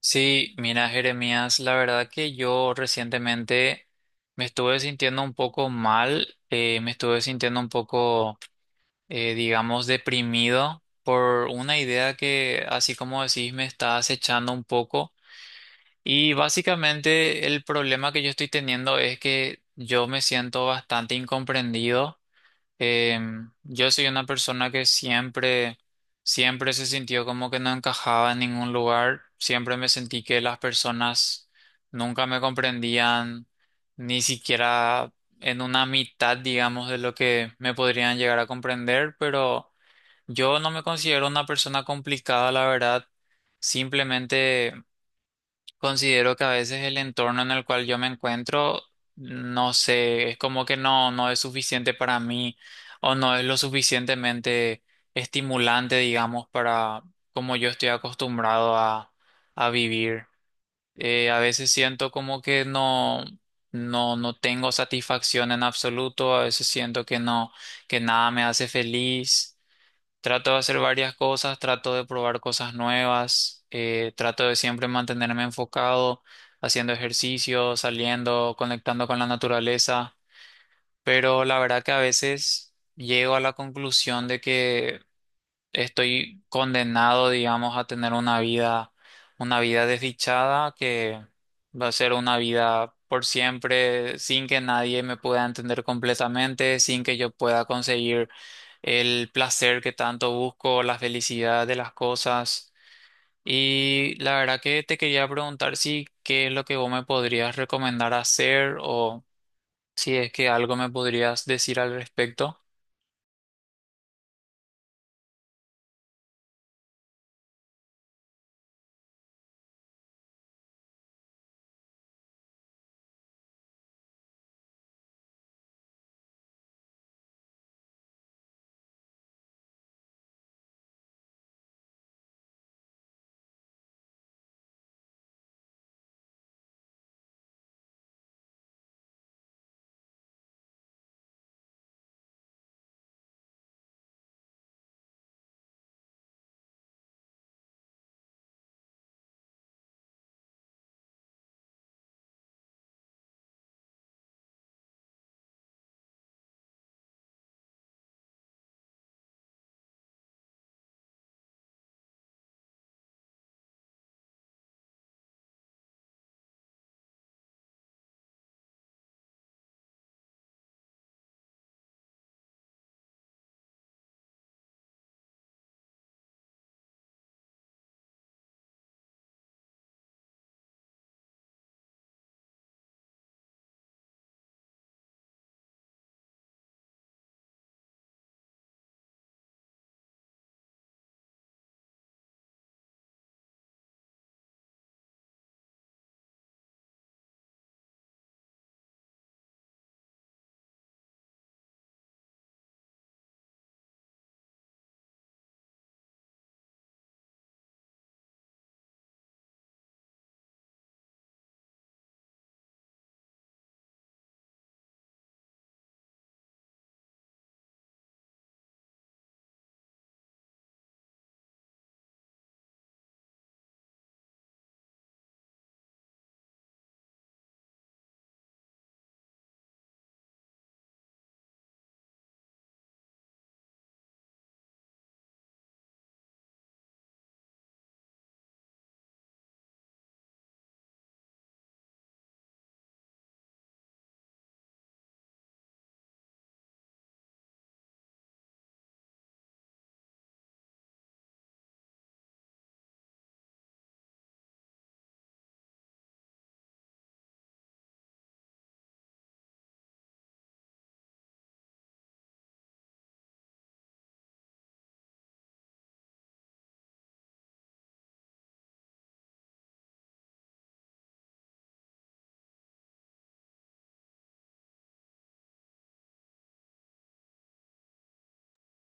Sí, mira, Jeremías, la verdad que yo recientemente me estuve sintiendo un poco mal, me estuve sintiendo un poco, digamos, deprimido por una idea que, así como decís, me está acechando un poco. Y básicamente el problema que yo estoy teniendo es que yo me siento bastante incomprendido. Yo soy una persona que siempre se sintió como que no encajaba en ningún lugar. Siempre me sentí que las personas nunca me comprendían, ni siquiera en una mitad, digamos, de lo que me podrían llegar a comprender. Pero yo no me considero una persona complicada, la verdad. Simplemente. Considero que a veces el entorno en el cual yo me encuentro, no sé, es como que no es suficiente para mí o no es lo suficientemente estimulante, digamos, para como yo estoy acostumbrado a vivir. A veces siento como que no tengo satisfacción en absoluto, a veces siento que no, que nada me hace feliz. Trato de hacer varias cosas, trato de probar cosas nuevas, trato de siempre mantenerme enfocado, haciendo ejercicio, saliendo, conectando con la naturaleza, pero la verdad que a veces llego a la conclusión de que estoy condenado, digamos, a tener una vida desdichada que va a ser una vida por siempre, sin que nadie me pueda entender completamente, sin que yo pueda conseguir el placer que tanto busco, la felicidad de las cosas. Y la verdad que te quería preguntar si qué es lo que vos me podrías recomendar hacer o si es que algo me podrías decir al respecto.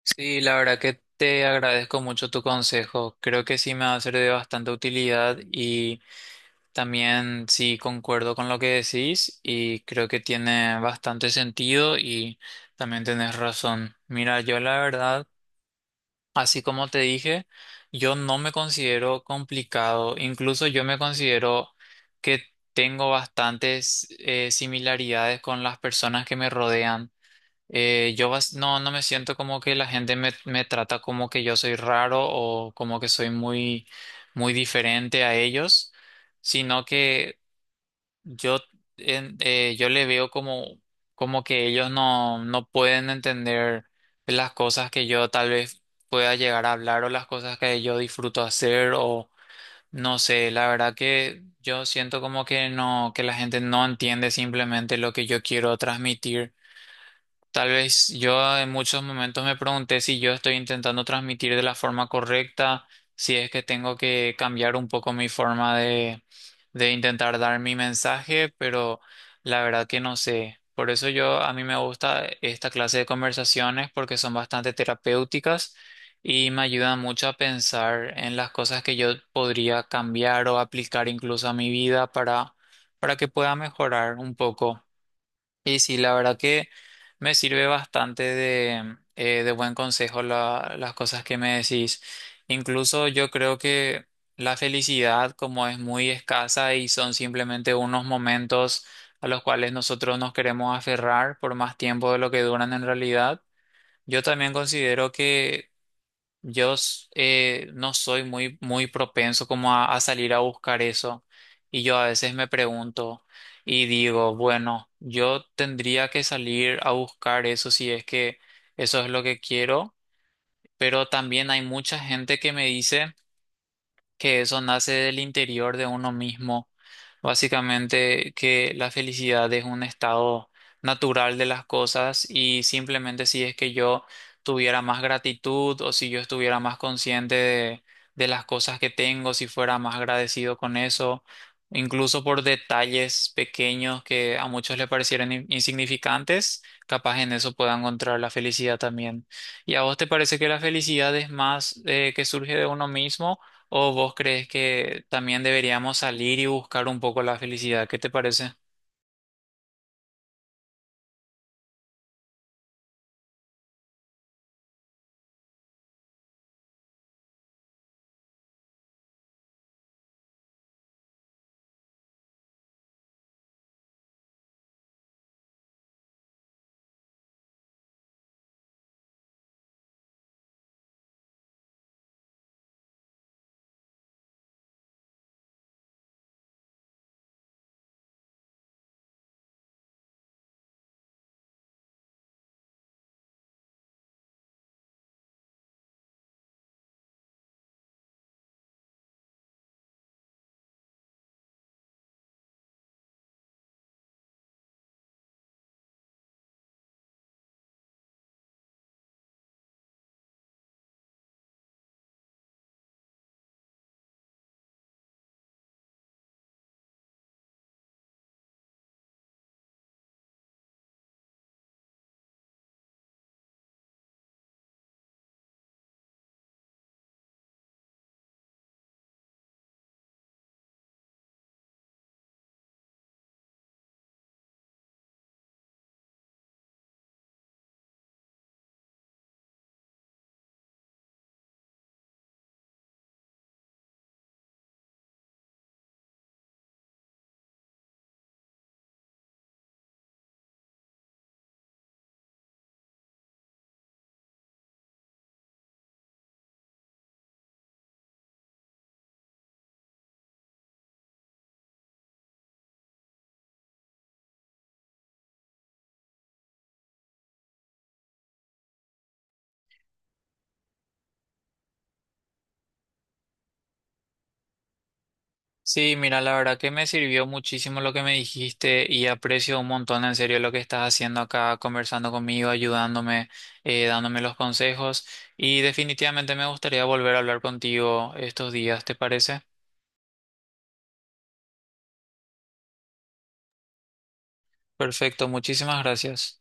Sí, la verdad que te agradezco mucho tu consejo. Creo que sí me va a ser de bastante utilidad y también sí concuerdo con lo que decís y creo que tiene bastante sentido y también tenés razón. Mira, yo la verdad, así como te dije, yo no me considero complicado. Incluso yo me considero que tengo bastantes similaridades con las personas que me rodean. No, no me siento como que la gente me trata como que yo soy raro o como que soy muy diferente a ellos, sino que yo, yo le veo como, como que ellos no pueden entender las cosas que yo tal vez pueda llegar a hablar o las cosas que yo disfruto hacer o no sé, la verdad que yo siento como que no, que la gente no entiende simplemente lo que yo quiero transmitir. Tal vez yo en muchos momentos me pregunté si yo estoy intentando transmitir de la forma correcta, si es que tengo que cambiar un poco mi forma de intentar dar mi mensaje, pero la verdad que no sé. Por eso yo a mí me gusta esta clase de conversaciones porque son bastante terapéuticas y me ayudan mucho a pensar en las cosas que yo podría cambiar o aplicar incluso a mi vida para que pueda mejorar un poco. Y sí, la verdad que me sirve bastante de buen consejo la- las cosas que me decís. Incluso yo creo que la felicidad, como es muy escasa y son simplemente unos momentos a los cuales nosotros nos queremos aferrar por más tiempo de lo que duran en realidad, yo también considero que yo no soy muy propenso como a salir a buscar eso. Y yo a veces me pregunto y digo, bueno, yo tendría que salir a buscar eso si es que eso es lo que quiero. Pero también hay mucha gente que me dice que eso nace del interior de uno mismo, básicamente que la felicidad es un estado natural de las cosas y simplemente si es que yo tuviera más gratitud o si yo estuviera más consciente de las cosas que tengo, si fuera más agradecido con eso, incluso por detalles pequeños que a muchos le parecieran in- insignificantes, capaz en eso pueda encontrar la felicidad también. ¿Y a vos te parece que la felicidad es más que surge de uno mismo? ¿O vos crees que también deberíamos salir y buscar un poco la felicidad? ¿Qué te parece? Sí, mira, la verdad que me sirvió muchísimo lo que me dijiste y aprecio un montón en serio lo que estás haciendo acá, conversando conmigo, ayudándome, dándome los consejos y definitivamente me gustaría volver a hablar contigo estos días, ¿te parece? Perfecto, muchísimas gracias.